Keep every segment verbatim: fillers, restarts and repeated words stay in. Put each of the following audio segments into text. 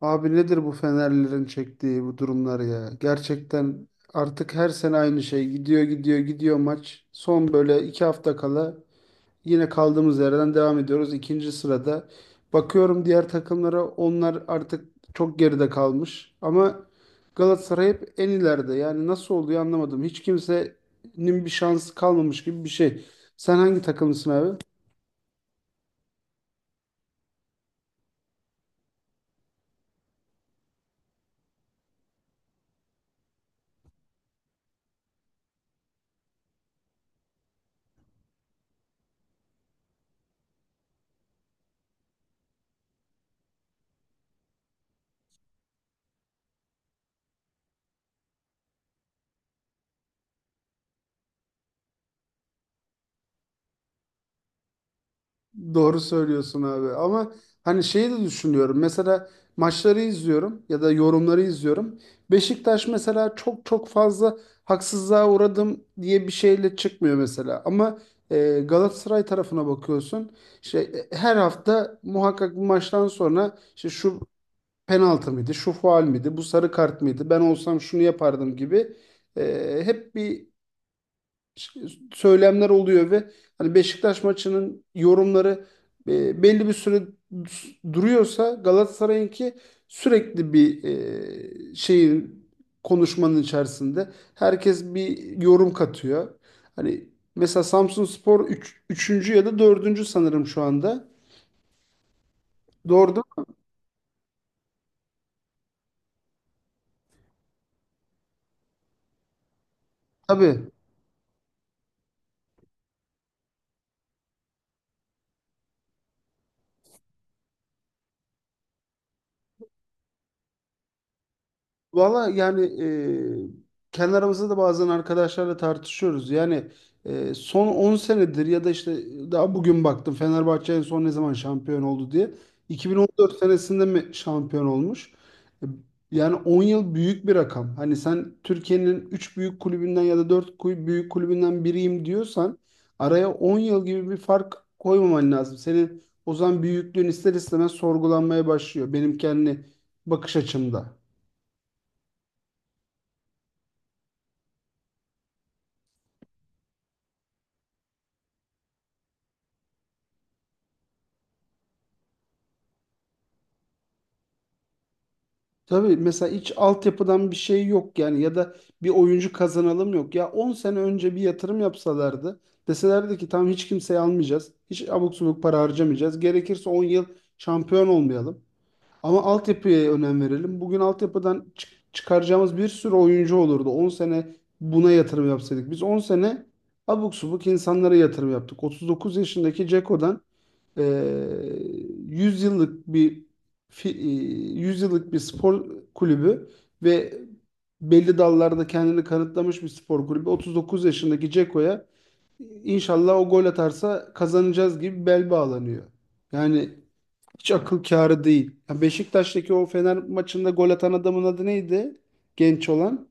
Abi nedir bu Fenerlilerin çektiği bu durumlar ya? Gerçekten artık her sene aynı şey. Gidiyor gidiyor gidiyor maç. Son böyle iki hafta kala yine kaldığımız yerden devam ediyoruz. İkinci sırada. Bakıyorum diğer takımlara, onlar artık çok geride kalmış. Ama Galatasaray hep en ileride. Yani nasıl oluyor anlamadım. Hiç kimsenin bir şansı kalmamış gibi bir şey. Sen hangi takımlısın abi? Doğru söylüyorsun abi, ama hani şeyi de düşünüyorum mesela, maçları izliyorum ya da yorumları izliyorum. Beşiktaş mesela çok çok fazla haksızlığa uğradım diye bir şeyle çıkmıyor mesela, ama e, Galatasaray tarafına bakıyorsun, şey, e, her hafta muhakkak bu maçtan sonra işte şu penaltı mıydı, şu faul müydü, bu sarı kart mıydı, ben olsam şunu yapardım gibi e, hep bir söylemler oluyor. Ve hani Beşiktaş maçının yorumları e, belli bir süre duruyorsa, Galatasaray'ınki sürekli bir e, şeyin, konuşmanın içerisinde herkes bir yorum katıyor. Hani mesela Samsunspor üç, üçüncü ya da dördüncü sanırım şu anda. Doğru değil mi? Tabii. Valla yani e, kendi aramızda da bazen arkadaşlarla tartışıyoruz. Yani e, son on senedir, ya da işte daha bugün baktım Fenerbahçe en son ne zaman şampiyon oldu diye. iki bin on dört senesinde mi şampiyon olmuş? E, Yani on yıl büyük bir rakam. Hani sen Türkiye'nin üç büyük kulübünden ya da dört büyük kulübünden biriyim diyorsan, araya on yıl gibi bir fark koymaman lazım. Senin o zaman büyüklüğün ister istemez sorgulanmaya başlıyor, benim kendi bakış açımda. Tabii, mesela hiç altyapıdan bir şey yok yani, ya da bir oyuncu kazanalım yok. Ya on sene önce bir yatırım yapsalardı, deselerdi ki tamam, hiç kimseyi almayacağız. Hiç abuk subuk para harcamayacağız. Gerekirse on yıl şampiyon olmayalım. Ama altyapıya önem verelim. Bugün altyapıdan çı- çıkaracağımız bir sürü oyuncu olurdu. On sene buna yatırım yapsaydık. Biz on sene abuk subuk insanlara yatırım yaptık. otuz dokuz yaşındaki Ceko'dan yüz yıllık bir fi- e, yüz yıllık bir spor kulübü ve belli dallarda kendini kanıtlamış bir spor kulübü. otuz dokuz yaşındaki Ceko'ya, inşallah o gol atarsa kazanacağız gibi bel bağlanıyor. Yani hiç akıl kârı değil. Ya Beşiktaş'taki o Fener maçında gol atan adamın adı neydi? Genç olan.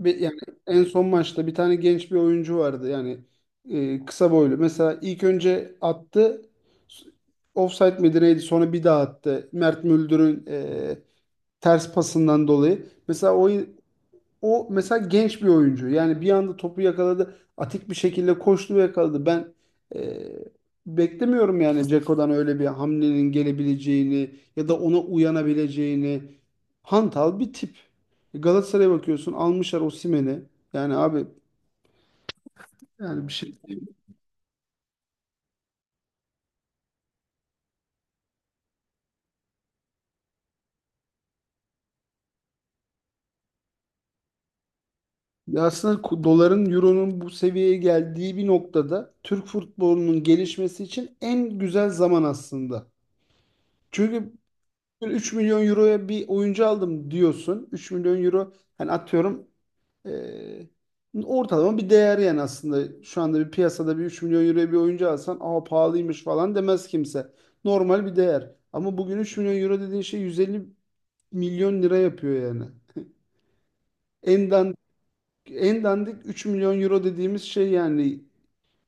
Bir, yani en son maçta bir tane genç bir oyuncu vardı yani, e, kısa boylu. Mesela ilk önce attı, s- offside miydi neydi, sonra bir daha attı. Mert Müldür'ün e, ters pasından dolayı. Mesela o, o mesela genç bir oyuncu. Yani bir anda topu yakaladı. Atik bir şekilde koştu ve yakaladı. Ben e, beklemiyorum yani Ceko'dan öyle bir hamlenin gelebileceğini ya da ona uyanabileceğini. Hantal bir tip. Galatasaray'a bakıyorsun, almışlar Osimhen'i. Yani abi, yani bir şey değil. Ya aslında ku- doların, euronun bu seviyeye geldiği bir noktada Türk futbolunun gelişmesi için en güzel zaman aslında. Çünkü üç milyon euroya bir oyuncu aldım diyorsun. üç milyon euro, hani atıyorum, eee, ortalama bir değer yani aslında. Şu anda bir piyasada bir üç milyon euroya bir oyuncu alsan, aa pahalıymış falan demez kimse. Normal bir değer. Ama bugün üç milyon euro dediğin şey yüz elli milyon lira yapıyor yani. En dandik, en dandik üç milyon euro dediğimiz şey yani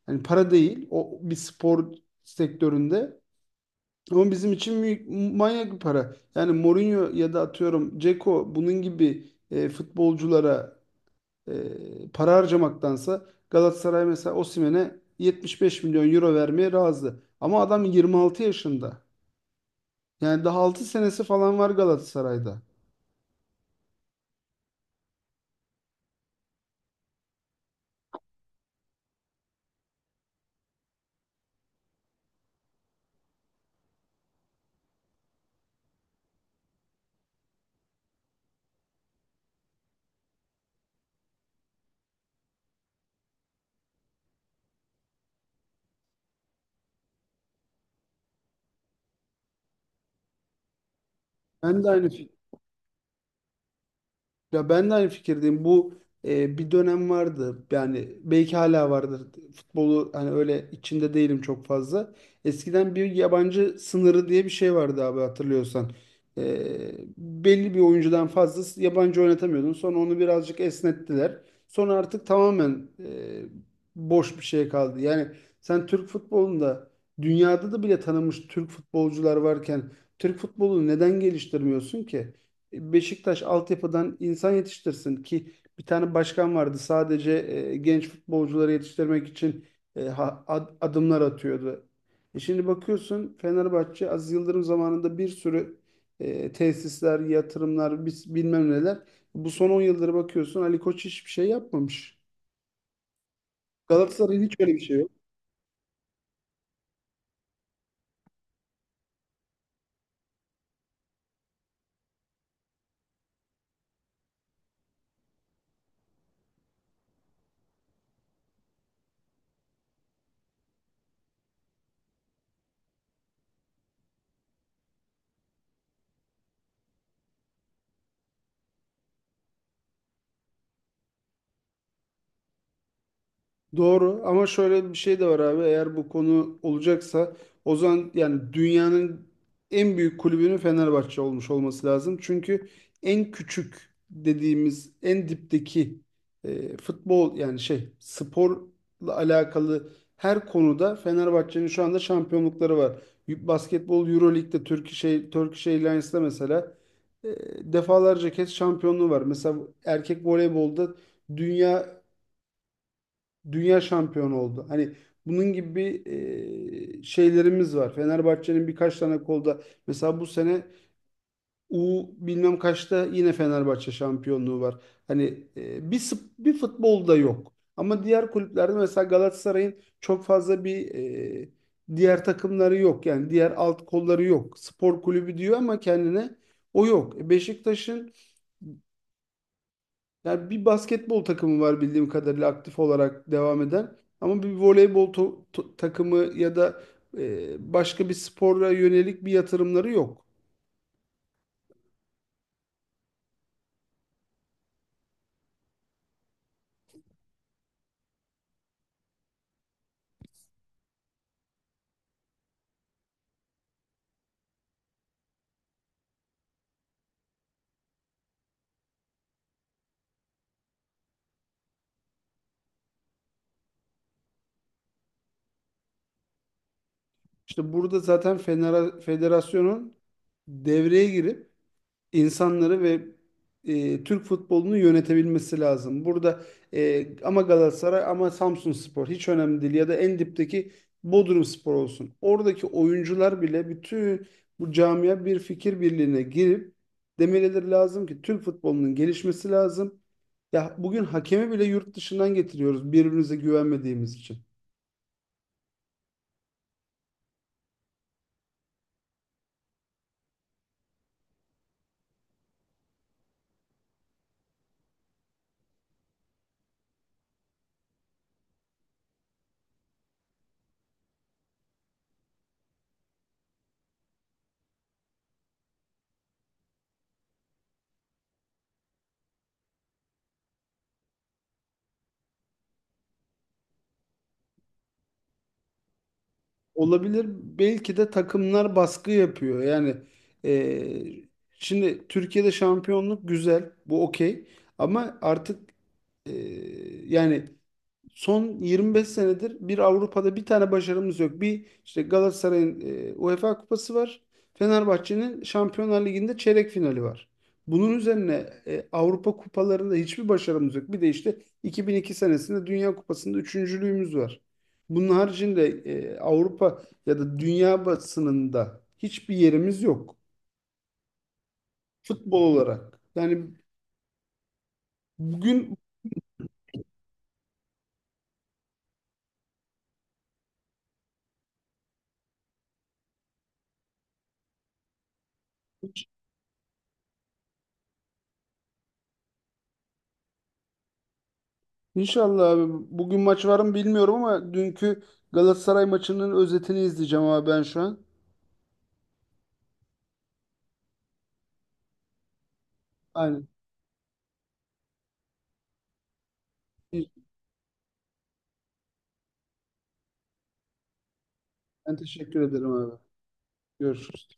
yani para değil. O bir spor sektöründe. Ama bizim için büyük, manyak bir para. Yani Mourinho ya da atıyorum Dzeko bunun gibi e, futbolculara e, para harcamaktansa, Galatasaray mesela Osimhen'e yetmiş beş milyon euro vermeye razı. Ama adam yirmi altı yaşında. Yani daha altı senesi falan var Galatasaray'da. Ben de aynı Ya ben de aynı fikirdeyim. Bu e, bir dönem vardı. Yani belki hala vardır. Futbolu hani öyle içinde değilim çok fazla. Eskiden bir yabancı sınırı diye bir şey vardı abi, hatırlıyorsan. E, Belli bir oyuncudan fazla yabancı oynatamıyordun. Sonra onu birazcık esnettiler. Sonra artık tamamen e, boş bir şey kaldı. Yani sen Türk futbolunda, dünyada da bile tanınmış Türk futbolcular varken, Türk futbolunu neden geliştirmiyorsun ki? Beşiktaş altyapıdan insan yetiştirsin ki. Bir tane başkan vardı sadece e, genç futbolcuları yetiştirmek için e, ha- ad- adımlar atıyordu. E şimdi bakıyorsun Fenerbahçe Aziz Yıldırım zamanında bir sürü e, tesisler, yatırımlar, bis- bilmem neler. Bu son on yıldır bakıyorsun Ali Koç hiçbir şey yapmamış. Galatasaray'ın hiç öyle bir şey yok. Doğru, ama şöyle bir şey de var abi, eğer bu konu olacaksa, o zaman yani dünyanın en büyük kulübünün Fenerbahçe olmuş olması lazım. Çünkü en küçük dediğimiz en dipteki e, futbol, yani şey sporla alakalı her konuda Fenerbahçe'nin şu anda şampiyonlukları var. Y- Basketbol Euroleague'de Turkish, şey, Turkish Airlines'da mesela e, defalarca kez şampiyonluğu var. Mesela erkek voleybolda dünya dünya şampiyonu oldu. Hani bunun gibi bir e, şeylerimiz var. Fenerbahçe'nin birkaç tane kolda mesela bu sene U bilmem kaçta yine Fenerbahçe şampiyonluğu var. Hani e, bir sp- bir futbolda yok. Ama diğer kulüplerde mesela Galatasaray'ın çok fazla bir e, diğer takımları yok. Yani diğer alt kolları yok. Spor kulübü diyor ama kendine o yok. E, Beşiktaş'ın yani bir basketbol takımı var bildiğim kadarıyla aktif olarak devam eden. Ama bir voleybol to- to- takımı ya da e, başka bir spora yönelik bir yatırımları yok. İşte burada zaten fenera- federasyonun devreye girip insanları ve e, Türk futbolunu yönetebilmesi lazım. Burada e, ama Galatasaray ama Samsunspor hiç önemli değil, ya da en dipteki Bodrumspor olsun. Oradaki oyuncular bile bütün bu camia bir fikir birliğine girip demeleri lazım ki Türk futbolunun gelişmesi lazım. Ya bugün hakemi bile yurt dışından getiriyoruz, birbirimize güvenmediğimiz için. Olabilir. Belki de takımlar baskı yapıyor. Yani e, şimdi Türkiye'de şampiyonluk güzel. Bu okey. Ama artık e, yani son yirmi beş senedir bir Avrupa'da bir tane başarımız yok. Bir işte Galatasaray'ın e, UEFA Kupası var. Fenerbahçe'nin Şampiyonlar Ligi'nde çeyrek finali var. Bunun üzerine e, Avrupa kupalarında hiçbir başarımız yok. Bir de işte iki bin iki senesinde Dünya Kupası'nda üçüncülüğümüz var. Bunun haricinde e, Avrupa ya da dünya basınında hiçbir yerimiz yok futbol olarak. Yani bugün. İnşallah abi. Bugün maç var mı bilmiyorum ama dünkü Galatasaray maçının özetini izleyeceğim abi ben şu an. Aynen. Ben teşekkür ederim abi. Görüşürüz.